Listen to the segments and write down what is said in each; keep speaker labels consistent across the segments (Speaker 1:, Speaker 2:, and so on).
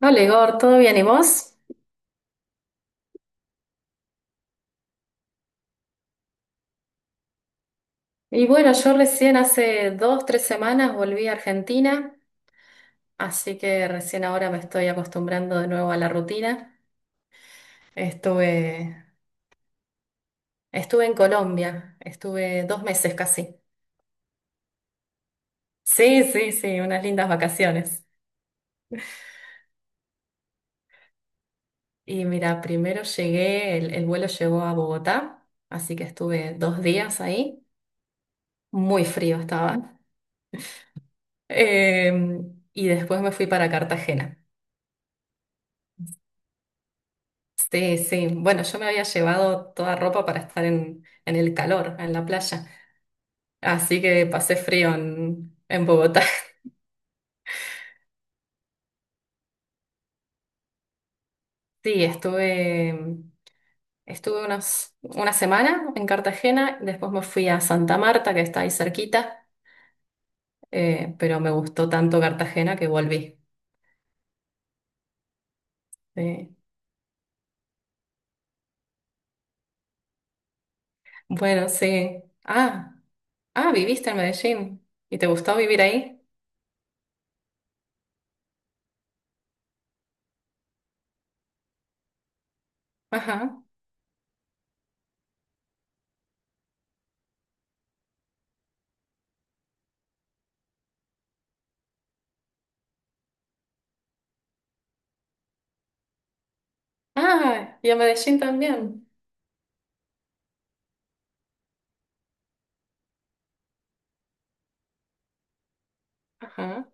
Speaker 1: Hola Igor, ¿todo bien? ¿Y vos? Yo recién hace dos, tres semanas volví a Argentina, así que recién ahora me estoy acostumbrando de nuevo a la rutina. Estuve, estuve en Colombia, estuve dos meses casi. Sí, sí, sí, unas lindas vacaciones. Y mira, primero llegué, el vuelo llegó a Bogotá, así que estuve dos días ahí, muy frío estaba. Y después me fui para Cartagena. Sí, sí. Bueno, yo me había llevado toda ropa para estar en el calor, en la playa. Así que pasé frío en Bogotá. Sí, estuve unos, una semana en Cartagena, después me fui a Santa Marta, que está ahí cerquita, pero me gustó tanto Cartagena que volví. Sí. Bueno, sí. Ah, ah, viviste en Medellín. ¿Y te gustó vivir ahí? Ajá. Ah, y a Medellín también. Ajá,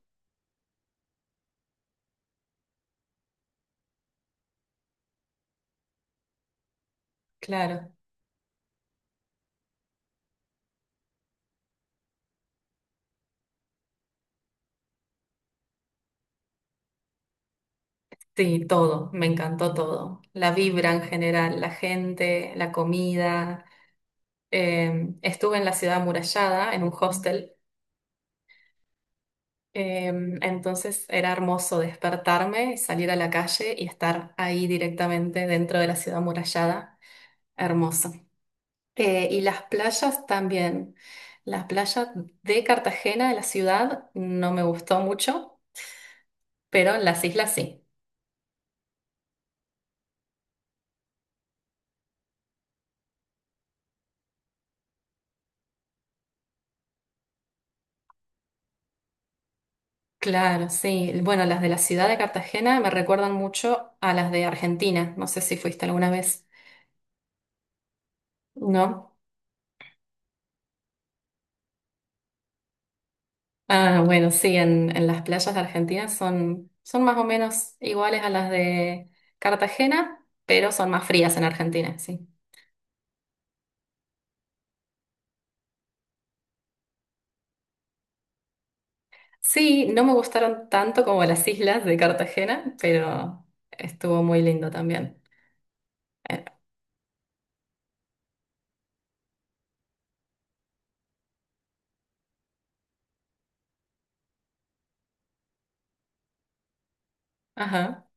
Speaker 1: claro. Sí, todo, me encantó todo. La vibra en general, la gente, la comida. Estuve en la ciudad amurallada, en un hostel, eh, entonces era hermoso despertarme, salir a la calle y estar ahí directamente dentro de la ciudad amurallada. Hermoso. Y las playas también. Las playas de Cartagena, de la ciudad, no me gustó mucho, pero en las islas sí. Claro, sí. Bueno, las de la ciudad de Cartagena me recuerdan mucho a las de Argentina. No sé si fuiste alguna vez, ¿no? Ah, bueno, sí, en las playas de Argentina son, son más o menos iguales a las de Cartagena, pero son más frías en Argentina, sí. Sí, no me gustaron tanto como las islas de Cartagena, pero estuvo muy lindo también. Eh, Ajá,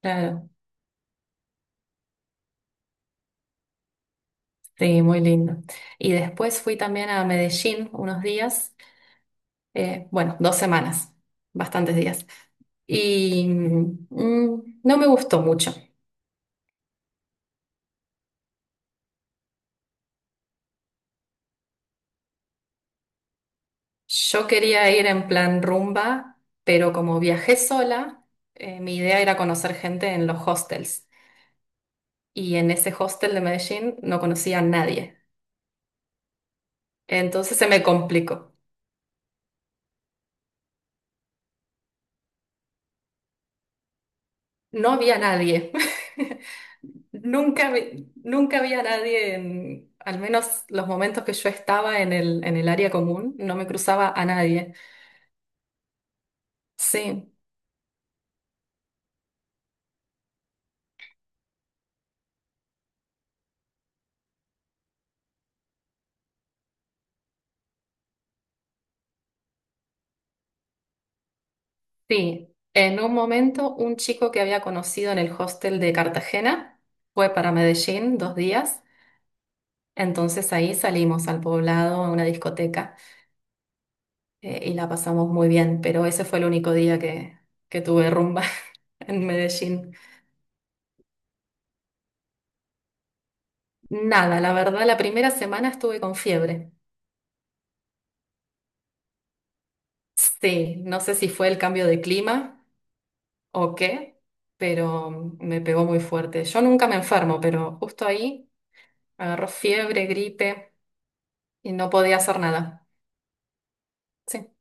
Speaker 1: claro, sí, muy lindo. Y después fui también a Medellín unos días. Bueno, dos semanas, bastantes días. Y no me gustó mucho. Yo quería ir en plan rumba, pero como viajé sola, mi idea era conocer gente en los hostels. Y en ese hostel de Medellín no conocía a nadie. Entonces se me complicó. No había nadie. Nunca, nunca había nadie en, al menos los momentos que yo estaba en el área común, no me cruzaba a nadie. Sí. Sí, en un momento un chico que había conocido en el hostel de Cartagena fue para Medellín dos días, entonces ahí salimos al poblado a una discoteca y la pasamos muy bien, pero ese fue el único día que tuve rumba en Medellín. Nada, la verdad, la primera semana estuve con fiebre. Sí, no sé si fue el cambio de clima o qué, pero me pegó muy fuerte. Yo nunca me enfermo, pero justo ahí agarró fiebre, gripe y no podía hacer nada. Sí.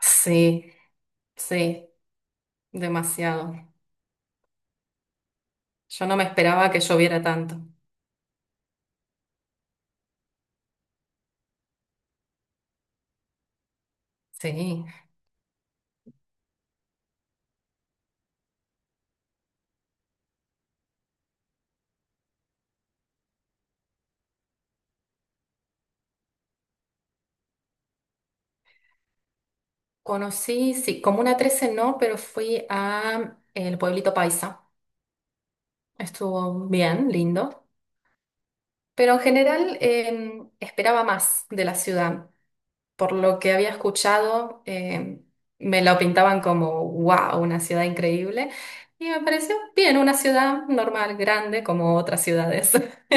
Speaker 1: Sí, sí, demasiado. Yo no me esperaba que lloviera tanto. Sí. Conocí, sí, Comuna 13 no, pero fui a el pueblito Paisa. Estuvo bien, lindo. Pero en general esperaba más de la ciudad. Por lo que había escuchado, me lo pintaban como, wow, una ciudad increíble. Y me pareció bien, una ciudad normal, grande, como otras ciudades.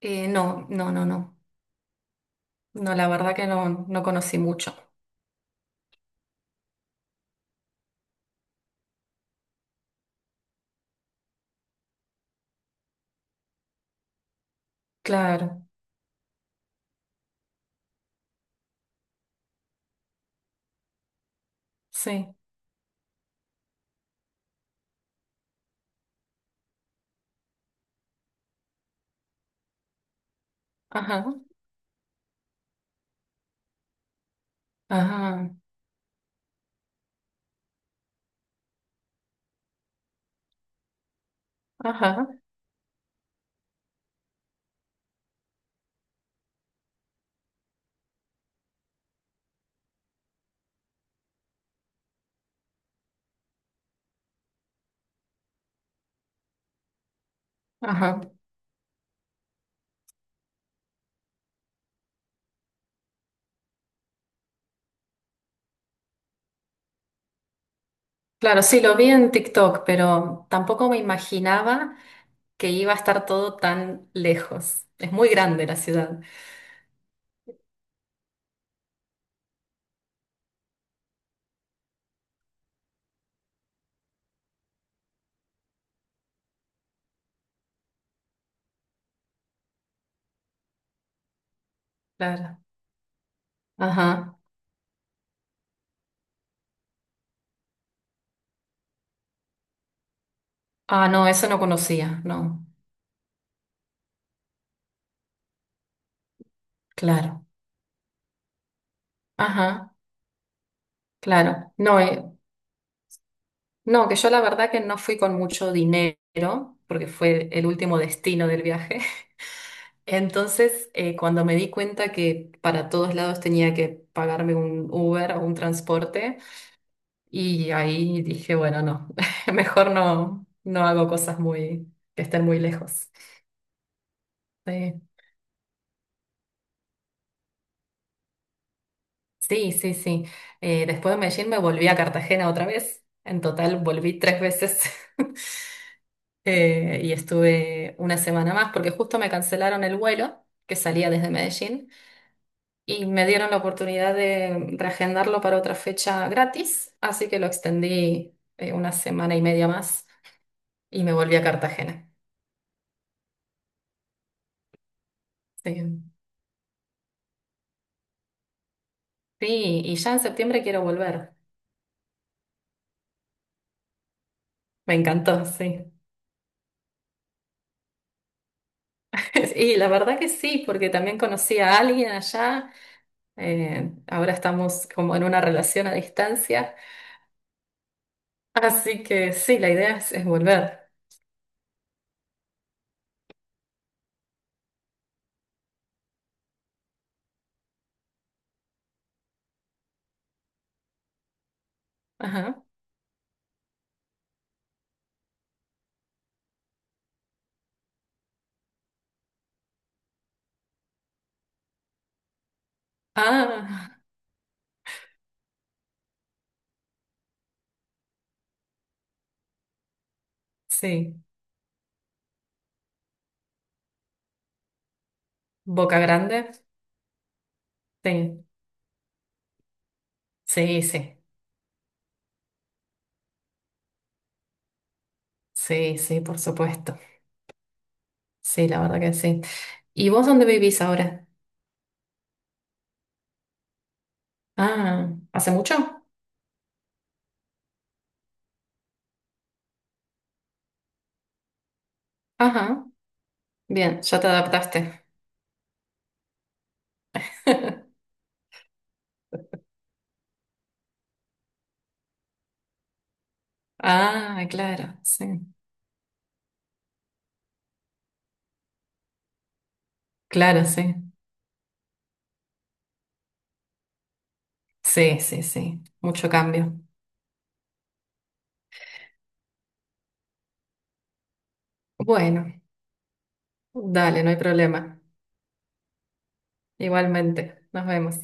Speaker 1: No, no, no, no. No, la verdad que no, no conocí mucho. Claro, sí. Ajá, ajá, ajá, ajá. Claro, sí, lo vi en TikTok, pero tampoco me imaginaba que iba a estar todo tan lejos. Es muy grande la ciudad. Claro, ajá. Ah, no, eso no conocía, no. Claro, ajá, claro. No, no, que yo la verdad que no fui con mucho dinero, porque fue el último destino del viaje. Entonces, cuando me di cuenta que para todos lados tenía que pagarme un Uber o un transporte, y ahí dije, bueno, no, mejor no, no hago cosas muy, que estén muy lejos. Sí, sí, sí. Sí. Después de Medellín me volví a Cartagena otra vez. En total volví tres veces. Y estuve una semana más porque justo me cancelaron el vuelo que salía desde Medellín. Y me dieron la oportunidad de reagendarlo para otra fecha gratis, así que lo extendí una semana y media más y me volví a Cartagena. Sí. Sí, y ya en septiembre quiero volver. Me encantó, sí. Y la verdad que sí, porque también conocí a alguien allá. Ahora estamos como en una relación a distancia. Así que sí, la idea es volver. Ajá. Ah, sí. Boca Grande. Sí, sí, sí. Sí, sí, por supuesto. Sí, la verdad que sí. ¿Y vos dónde vivís ahora? Ah, ¿hace mucho? Ajá, bien, ya te adaptaste. Ah, claro, sí. Claro, sí. Sí, sí, sí. Mucho cambio. Bueno, dale, no hay problema. Igualmente, nos vemos.